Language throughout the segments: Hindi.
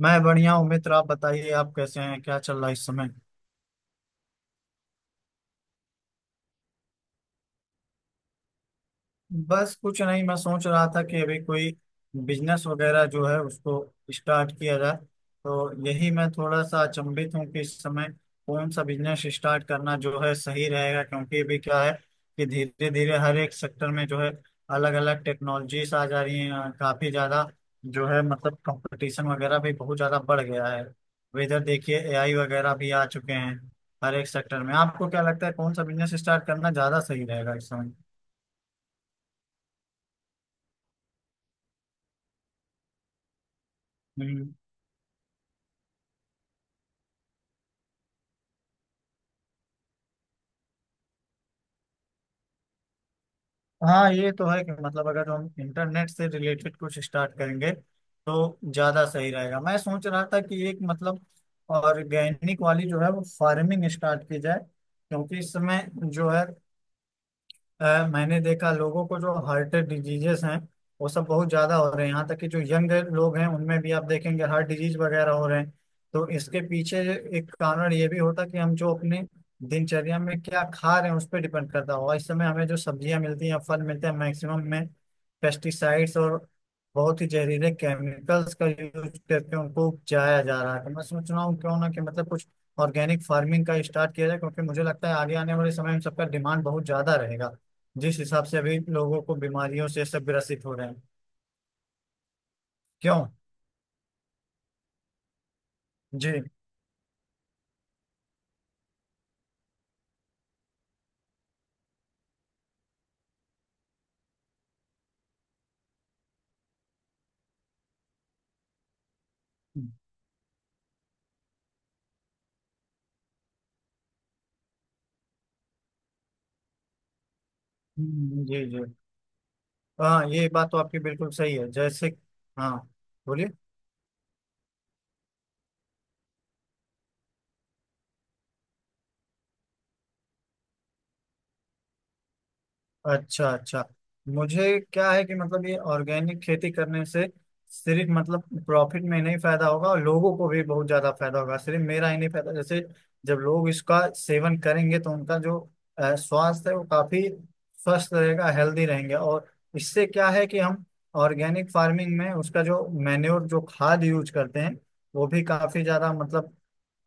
मैं बढ़िया हूँ मित्र। आप बताइए, आप कैसे हैं? क्या चल रहा है इस समय? बस कुछ नहीं, मैं सोच रहा था कि अभी कोई बिजनेस वगैरह जो है उसको स्टार्ट किया जाए। तो यही मैं थोड़ा सा अचंभित हूँ कि इस समय कौन सा बिजनेस स्टार्ट करना जो है सही रहेगा, क्योंकि अभी क्या है कि धीरे धीरे हर एक सेक्टर में जो है अलग अलग टेक्नोलॉजीज आ जा रही हैं, काफी ज्यादा जो है मतलब कंपटीशन वगैरह भी बहुत ज्यादा बढ़ गया है। अब इधर देखिए एआई वगैरह भी आ चुके हैं हर एक सेक्टर में। आपको क्या लगता है कौन सा बिजनेस स्टार्ट करना ज्यादा सही रहेगा इस समय? हम्म। हाँ, ये तो है कि मतलब अगर हम इंटरनेट से रिलेटेड कुछ स्टार्ट करेंगे तो ज्यादा सही रहेगा। मैं सोच रहा था कि एक मतलब ऑर्गेनिक वाली जो है वो फार्मिंग स्टार्ट की जाए, क्योंकि इस समय जो है मैंने देखा लोगों को जो हार्ट डिजीजेस हैं वो सब बहुत ज्यादा हो रहे हैं, यहाँ तक कि जो यंग लोग हैं उनमें भी आप देखेंगे हार्ट डिजीज वगैरह हो रहे हैं। तो इसके पीछे एक कारण ये भी होता है कि हम जो अपने दिनचर्या में क्या खा रहे हैं उस पर डिपेंड करता होगा। इस समय हमें जो सब्जियां मिलती हैं फल मिलते हैं मैक्सिमम में पेस्टिसाइड्स और बहुत ही जहरीले केमिकल्स का यूज करके उनको उपजाया जा रहा है। तो मैं सोच रहा हूँ क्यों ना कि मतलब कुछ ऑर्गेनिक फार्मिंग का स्टार्ट किया जाए, क्योंकि मुझे लगता है आगे आने वाले समय में सबका डिमांड बहुत ज्यादा रहेगा, जिस हिसाब से अभी लोगों को बीमारियों से सब ग्रसित हो रहे हैं। क्यों? जी। जी जी। हाँ, ये बात तो आपकी बिल्कुल सही है। जैसे, हाँ, बोलिए। अच्छा अच्छा। मुझे क्या है कि मतलब ये ऑर्गेनिक खेती करने से सिर्फ मतलब प्रॉफिट में नहीं फायदा होगा, और लोगों को भी बहुत ज्यादा फायदा होगा, सिर्फ मेरा ही नहीं फायदा। जैसे जब लोग इसका सेवन करेंगे तो उनका जो स्वास्थ्य है वो काफी स्वस्थ रहेगा, हेल्दी रहेंगे। और इससे क्या है कि हम ऑर्गेनिक फार्मिंग में उसका जो मैन्योर जो खाद यूज करते हैं वो भी काफी ज्यादा मतलब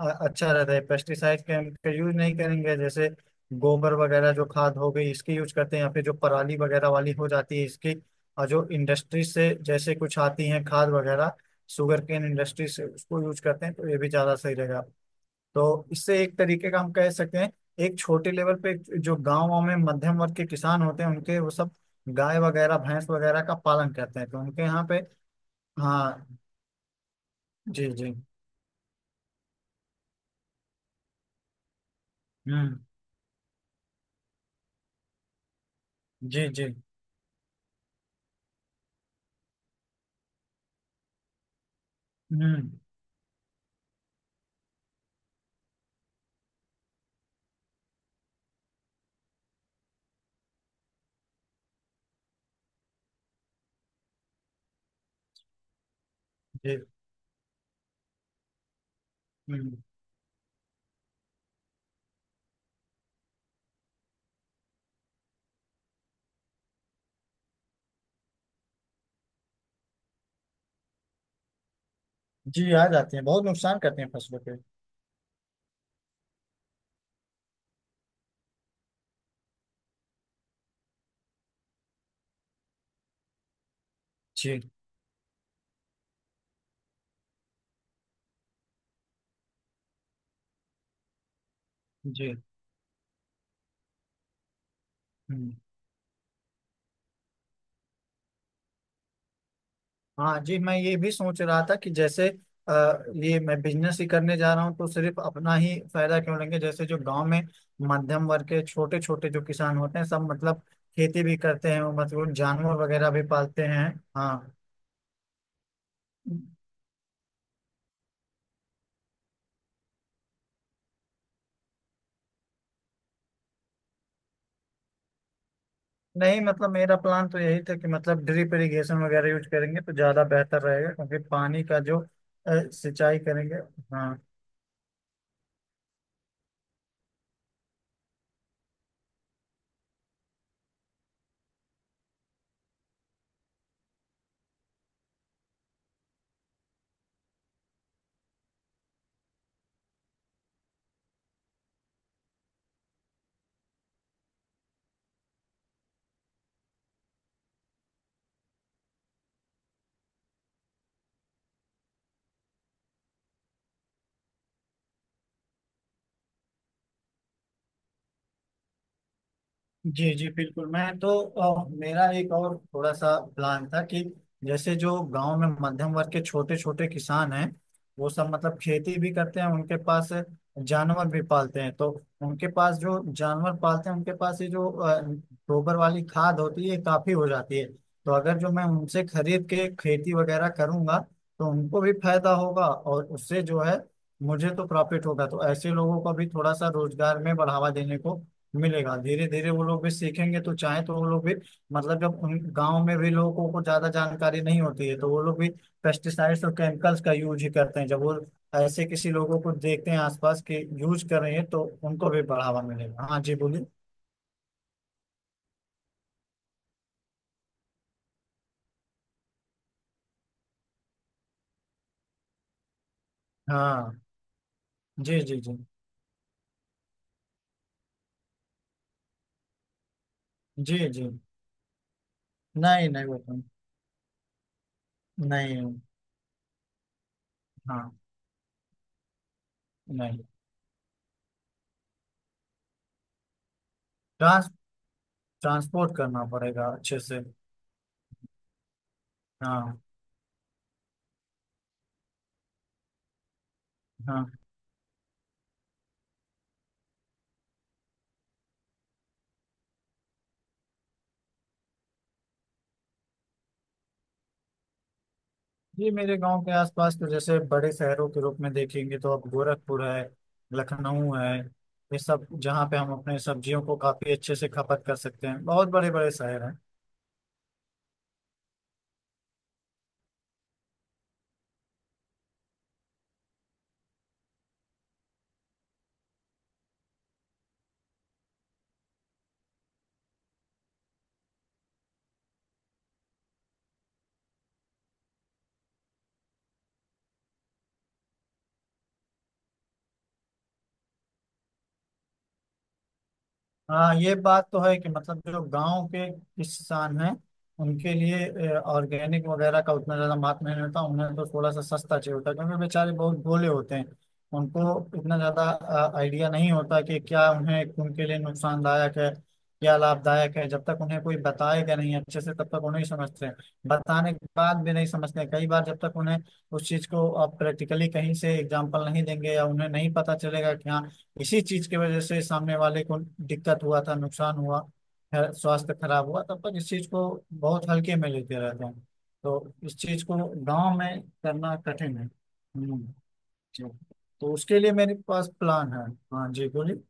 अच्छा रहता है। पेस्टिसाइड के हम का यूज नहीं करेंगे। जैसे गोबर वगैरह जो खाद हो गई इसकी यूज करते हैं, या फिर जो पराली वगैरह वाली हो जाती है इसकी, और जो इंडस्ट्री से जैसे कुछ आती है खाद वगैरह शुगर केन इंडस्ट्री से उसको यूज करते हैं, तो ये भी ज्यादा सही रहेगा। तो इससे एक तरीके का हम कह सकते हैं एक छोटे लेवल पे जो गाँव में मध्यम वर्ग के किसान होते हैं उनके वो सब गाय वगैरह भैंस वगैरह का पालन करते हैं, तो उनके यहाँ पे। हाँ जी। जी। हम्म। जी जी। हम्म। जी। हम्म। जी आ जाते हैं, बहुत नुकसान करते हैं फसलों पे। जी जी। हम्म, हाँ जी। मैं ये भी सोच रहा था कि जैसे ये मैं बिजनेस ही करने जा रहा हूँ, तो सिर्फ अपना ही फायदा क्यों लेंगे। जैसे जो गांव में मध्यम वर्ग के छोटे छोटे जो किसान होते हैं सब मतलब खेती भी करते हैं, वो मतलब जानवर वगैरह भी पालते हैं। हाँ। नहीं, मतलब मेरा प्लान तो यही था कि मतलब ड्रिप इरिगेशन वगैरह यूज करेंगे तो ज्यादा बेहतर रहेगा, क्योंकि पानी का जो सिंचाई करेंगे। हाँ। जी जी बिल्कुल। मैं तो मेरा एक और थोड़ा सा प्लान था कि जैसे जो गांव में मध्यम वर्ग के छोटे छोटे किसान हैं वो सब मतलब खेती भी करते हैं उनके पास, जानवर भी पालते हैं। तो उनके पास जो जानवर पालते हैं उनके पास ये जो गोबर वाली खाद होती है ये काफी हो जाती है। तो अगर जो मैं उनसे खरीद के खेती वगैरह करूंगा तो उनको भी फायदा होगा और उससे जो है मुझे तो प्रॉफिट होगा। तो ऐसे लोगों को भी थोड़ा सा रोजगार में बढ़ावा देने को मिलेगा, धीरे धीरे वो लोग भी सीखेंगे तो चाहे तो वो लोग भी मतलब, जब उन गांव में भी लोगों को ज्यादा जानकारी नहीं होती है तो वो लोग भी पेस्टिसाइड्स और केमिकल्स का यूज ही करते हैं। जब वो ऐसे किसी लोगों को देखते हैं आसपास के यूज कर रहे हैं तो उनको भी बढ़ावा मिलेगा। हाँ जी बोलिए। हाँ। जी जी जी। जी जी। नहीं नहीं, वो तो, नहीं। हाँ। नहीं, ट्रांस ट्रांसपोर्ट करना पड़ेगा अच्छे से। हाँ। हाँ। जी, मेरे गांव के आसपास तो जैसे बड़े शहरों के रूप में देखेंगे तो अब गोरखपुर है, लखनऊ है, ये सब, जहाँ पे हम अपने सब्जियों को काफी अच्छे से खपत कर सकते हैं, बहुत बड़े बड़े शहर हैं। हाँ, ये बात तो है कि मतलब जो गांव के किसान हैं उनके लिए ऑर्गेनिक वगैरह का उतना ज्यादा महत्व नहीं होता, उन्हें तो थोड़ा सा सस्ता चाहिए होता है, क्योंकि बेचारे बहुत भोले होते हैं। उनको इतना ज्यादा आइडिया नहीं होता कि क्या उन्हें उनके लिए नुकसानदायक है, क्या लाभदायक है। जब तक उन्हें कोई बताएगा नहीं अच्छे से तब तक वो नहीं समझते हैं। बताने के बाद भी नहीं समझते हैं। कई बार जब तक उन्हें उस चीज को आप प्रैक्टिकली कहीं से एग्जाम्पल नहीं देंगे, या उन्हें नहीं पता चलेगा कि हाँ इसी चीज की वजह से सामने वाले को दिक्कत हुआ था, नुकसान हुआ है, स्वास्थ्य खराब हुआ, तब तक इस चीज को बहुत हल्के में लेते रहते हैं। तो इस चीज को गांव में करना कठिन है। जी। तो उसके लिए मेरे पास प्लान है। हाँ जी बोलिए।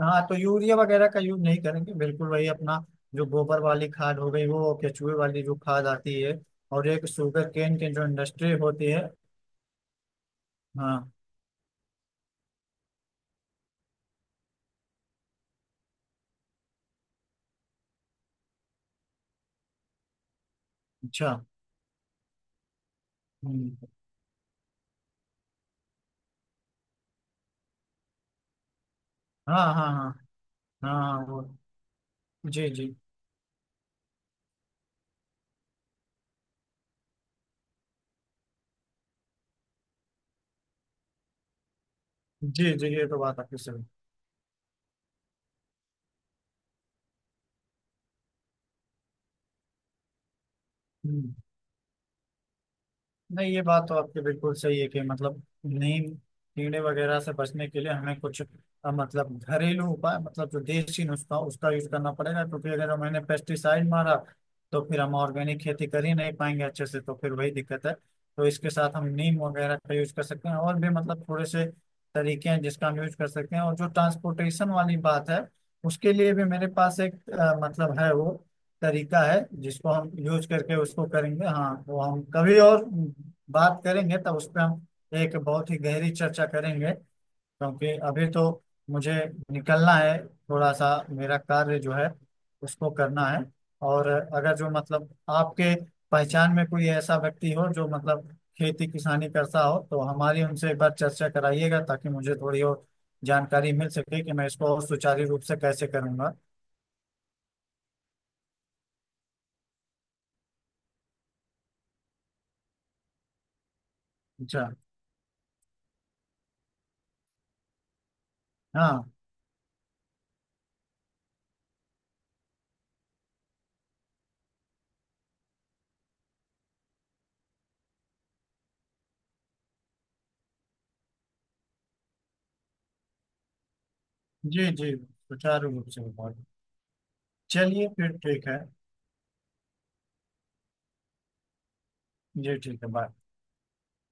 हाँ, तो यूरिया वगैरह का यूज नहीं करेंगे बिल्कुल। वही अपना जो गोबर वाली खाद हो गई, वो केचुए वाली जो खाद आती है, और एक शुगर केन की जो इंडस्ट्री होती है। हाँ। अच्छा। हम्म, हाँ हाँ हाँ। हाँ हाँ, वो। जी जी। जी, जी, ये तो बात आपकी सही है। हुँ। नहीं, ये बात तो आपकी बिल्कुल सही है कि मतलब नीम कीड़े वगैरह से बचने के लिए हमें कुछ मतलब घरेलू उपाय मतलब जो देसी नुस्खा उसका यूज करना पड़ेगा, क्योंकि अगर हमने पेस्टिसाइड मारा तो फिर हम ऑर्गेनिक खेती कर ही नहीं पाएंगे अच्छे से, तो फिर वही दिक्कत है। तो इसके साथ हम नीम वगैरह का यूज कर सकते हैं, और भी मतलब थोड़े से तरीके हैं जिसका हम यूज कर सकते हैं। और जो ट्रांसपोर्टेशन वाली बात है उसके लिए भी मेरे पास एक मतलब है वो तरीका है जिसको हम यूज करके उसको करेंगे। हाँ, तो हम कभी और बात करेंगे, तब उस पर हम एक बहुत ही गहरी चर्चा करेंगे, क्योंकि अभी तो मुझे निकलना है, थोड़ा सा मेरा कार्य जो है उसको करना है। और अगर जो मतलब आपके पहचान में कोई ऐसा व्यक्ति हो जो मतलब खेती किसानी करता हो तो हमारी उनसे एक बार चर्चा कराइएगा, ताकि मुझे थोड़ी और जानकारी मिल सके कि मैं इसको और सुचारू रूप से कैसे करूंगा। अच्छा। हाँ। जी, जी, सुचारू रूप से हुआ। चलिए फिर ठीक है। जी, ठीक है, बाय।